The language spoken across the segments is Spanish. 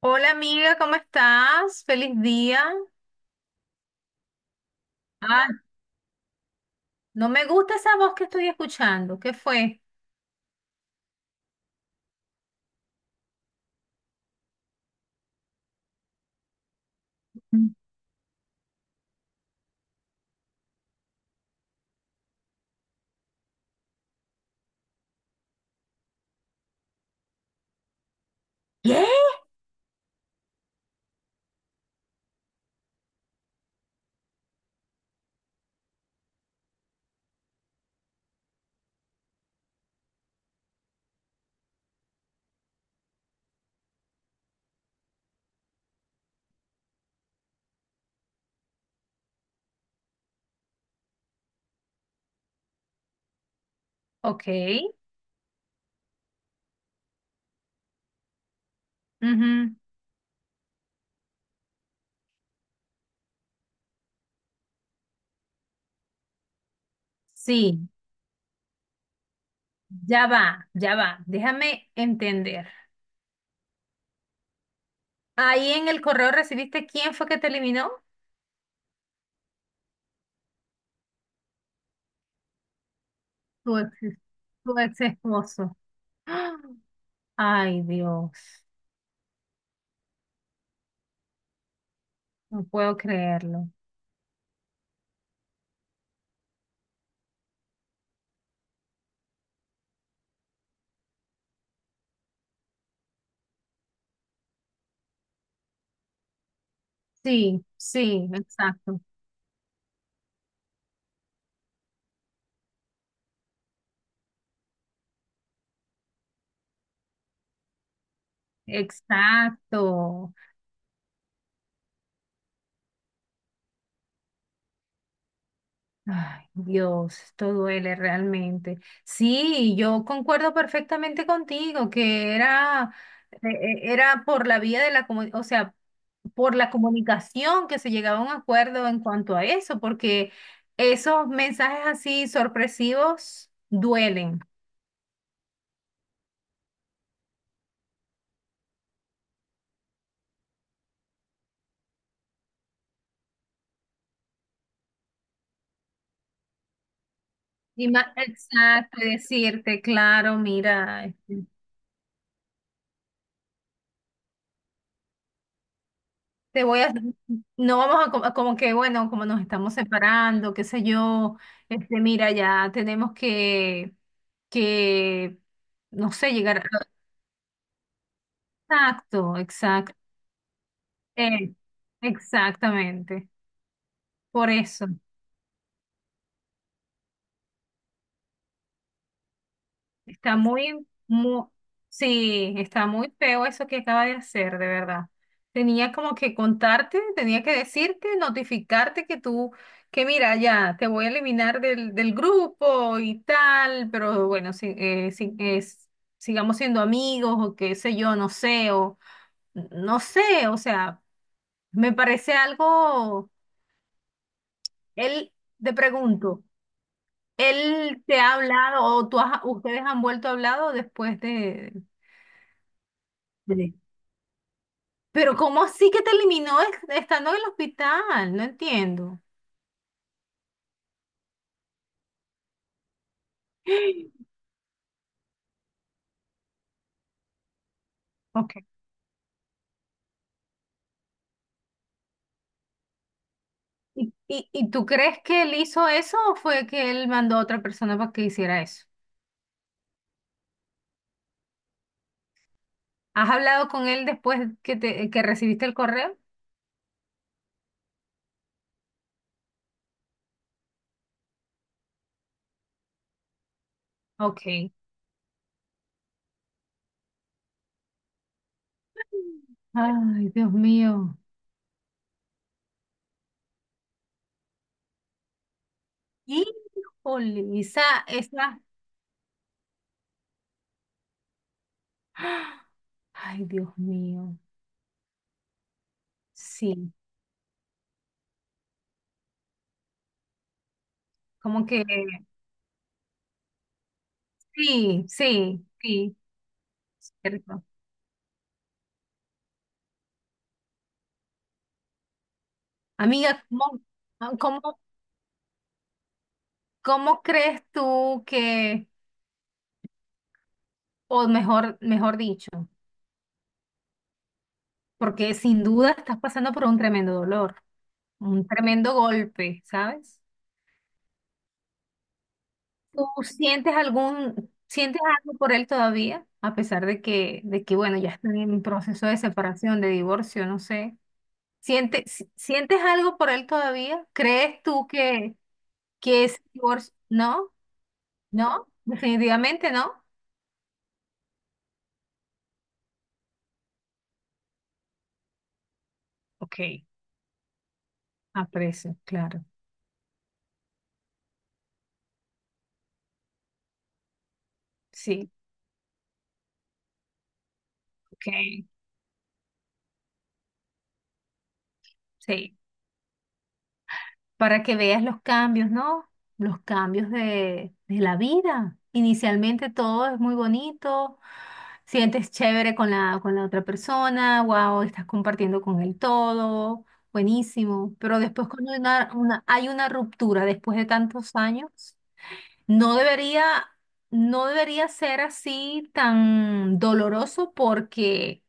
Hola amiga, ¿cómo estás? Feliz día. Ah, no me gusta esa voz que estoy escuchando. ¿Qué fue? ¿Qué? Ok. Ujú. Sí, ya va, ya va. Déjame entender. Ahí en el correo, ¿recibiste quién fue que te eliminó? Tu ex, tu ex esposo. ¡Ah! Ay, Dios, no puedo creerlo. Sí, sí, exacto. Exacto. Ay, Dios, esto duele realmente. Sí, yo concuerdo perfectamente contigo que era por la vía de la comunicación, o sea, por la comunicación que se llegaba a un acuerdo en cuanto a eso, porque esos mensajes así sorpresivos duelen. Y más, exacto, y decirte, claro, mira. Te voy a, no vamos a, como que, bueno, como nos estamos separando, qué sé yo, mira, ya tenemos que, no sé, llegar a. Exacto, exacto, eh, exactamente, por eso. Está muy, muy, sí, está muy feo eso que acaba de hacer, de verdad. Tenía como que contarte, tenía que decirte, notificarte que tú, que mira, ya, te voy a eliminar del grupo y tal, pero bueno, sigamos siendo amigos o qué sé yo, no sé, o sea, me parece algo, él, te pregunto, ¿él te ha hablado o ustedes han vuelto a hablado después de. Sí. Pero ¿cómo así que te eliminó estando en el hospital? No entiendo. Ok. ¿Y tú crees que él hizo eso o fue que él mandó a otra persona para que hiciera eso? ¿Has hablado con él después que recibiste el correo? Ok. Ay, Dios mío. Híjole, esa, esa. ¡Ah! Ay, Dios mío. Sí, como que sí, sí, sí. Cierto. Amiga, cómo ¿Cómo crees tú que, o mejor dicho, porque sin duda estás pasando por un tremendo dolor, un tremendo golpe, ¿sabes? ¿Tú sientes sientes algo por él todavía? A pesar de que, bueno, ya están en proceso de separación, de divorcio, no sé. ¿Sientes, si- sientes algo por él todavía? ¿Crees tú que ese divorcio? No, no, definitivamente no. Ok, aprecio, claro. Sí, ok, sí. Para que veas los cambios, ¿no? Los cambios de la vida. Inicialmente todo es muy bonito, sientes chévere con la otra persona, wow, estás compartiendo con él todo, buenísimo. Pero después cuando hay una ruptura después de tantos años, no debería, no debería ser así tan doloroso porque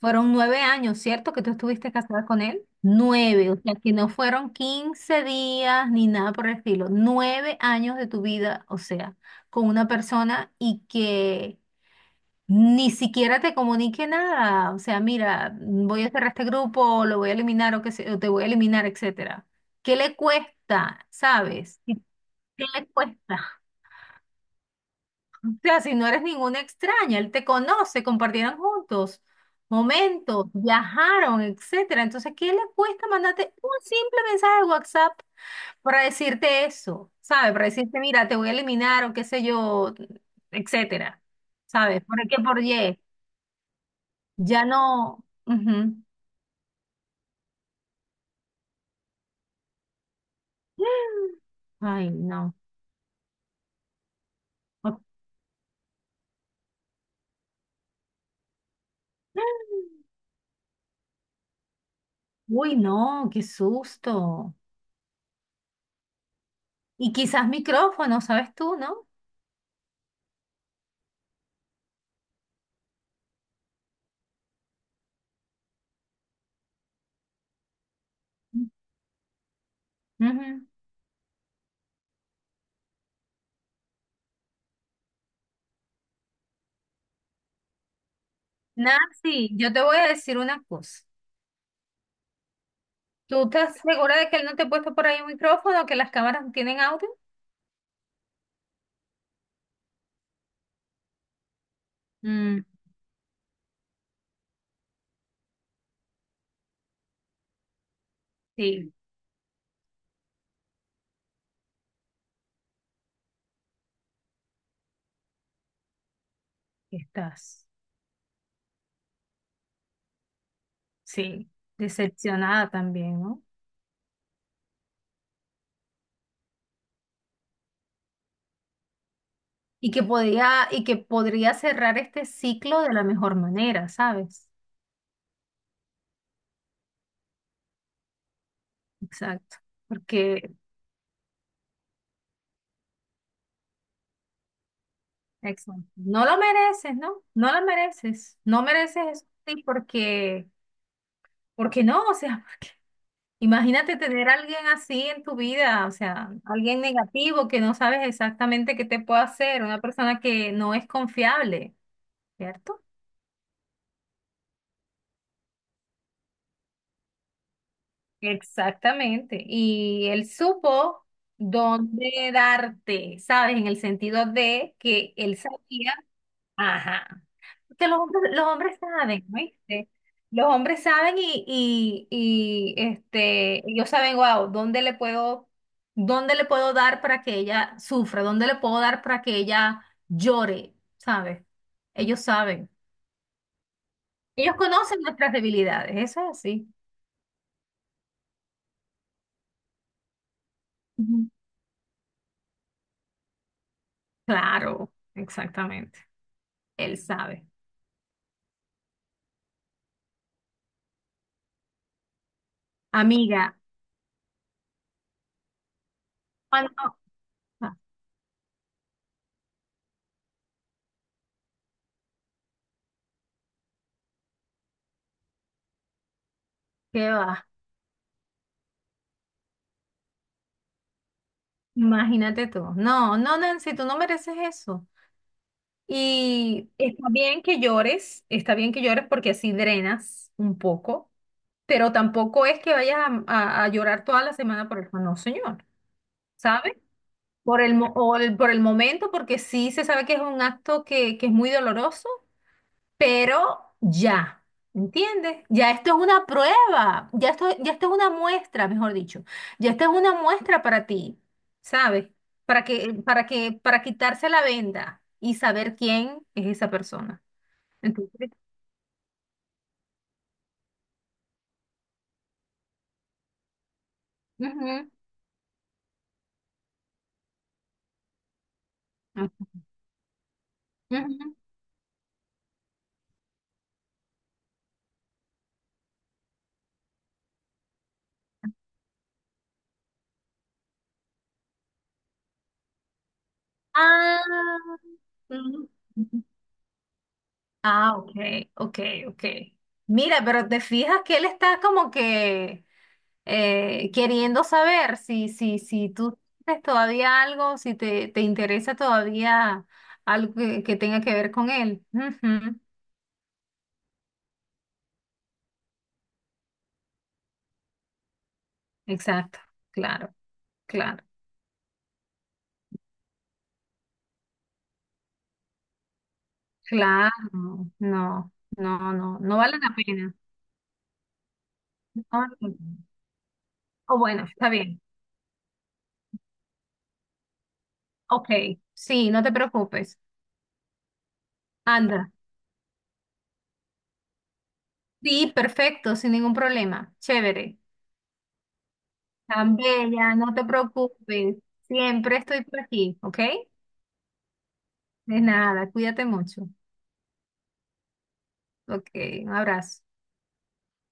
fueron 9 años, ¿cierto? Que tú estuviste casada con él. 9, o sea, que no fueron 15 días ni nada por el estilo. 9 años de tu vida, o sea, con una persona y que ni siquiera te comunique nada. O sea, mira, voy a cerrar este grupo, lo voy a eliminar o te voy a eliminar, etcétera. ¿Qué le cuesta, sabes? ¿Qué le cuesta? Sea, si no eres ninguna extraña, él te conoce, compartieron juntos momentos, viajaron, etcétera. Entonces, ¿qué le cuesta mandarte un simple mensaje de WhatsApp para decirte eso? ¿Sabes? Para decirte, mira, te voy a eliminar o qué sé yo, etcétera. ¿Sabes? ¿Por qué? Por Y. Ya no. Ujú. Ay, no. O- Uy, no, qué susto. Y quizás micrófono, ¿sabes tú, no? Ujú. Nancy, yo te voy a decir una cosa. ¿Tú estás segura de que él no te ha puesto por ahí un micrófono, que las cámaras no tienen audio? Mm, sí, estás. Sí, decepcionada también, ¿no? Y que podría cerrar este ciclo de la mejor manera, ¿sabes? Exacto. Porque, exacto, no lo mereces, ¿no? No lo mereces. No mereces eso, sí, porque no, o sea. Imagínate tener a alguien así en tu vida, o sea, alguien negativo que no sabes exactamente qué te puede hacer, una persona que no es confiable, ¿cierto? Exactamente. Y él supo dónde darte, ¿sabes? En el sentido de que él sabía, ajá. Que los hombres saben, ¿viste? Los hombres saben y ellos saben, wow, ¿dónde le puedo dar para que ella sufra? ¿Dónde le puedo dar para que ella llore? ¿Sabes? Ellos saben. Ellos conocen nuestras debilidades, eso es así. Ujú. Claro, exactamente. Él sabe. Amiga, cuando. Ah, ¿qué va? Imagínate tú. No, no, Nancy, tú no mereces eso. Y está bien que llores, está bien que llores porque así drenas un poco, pero tampoco es que vayas a, a llorar toda la semana por eso, no, señor, sabes. Por el, mo- o el- por el momento, porque sí se sabe que es un acto que es muy doloroso, pero ya, ¿entiendes? Ya esto es una prueba, ya esto es una muestra, mejor dicho, ya esto es una muestra para ti, ¿sabes? Para quitarse la venda y saber quién es esa persona. Entonces, ujú, ujú, ujú. Ah. Mm. Ah, ok, ok, ok. Mira, pero te fijas que él está como que queriendo saber si tú tienes todavía algo, si te interesa todavía algo que tenga que ver con él. Ujú. Exacto, claro, claro, claro. No, no, no, no vale la pena. No vale la pena. O bueno, está bien. Ok, sí, no te preocupes. Anda. Sí, perfecto, sin ningún problema. Chévere. Tan bella, no te preocupes. Siempre estoy por aquí, ¿ok? De nada, cuídate mucho. Ok, un abrazo.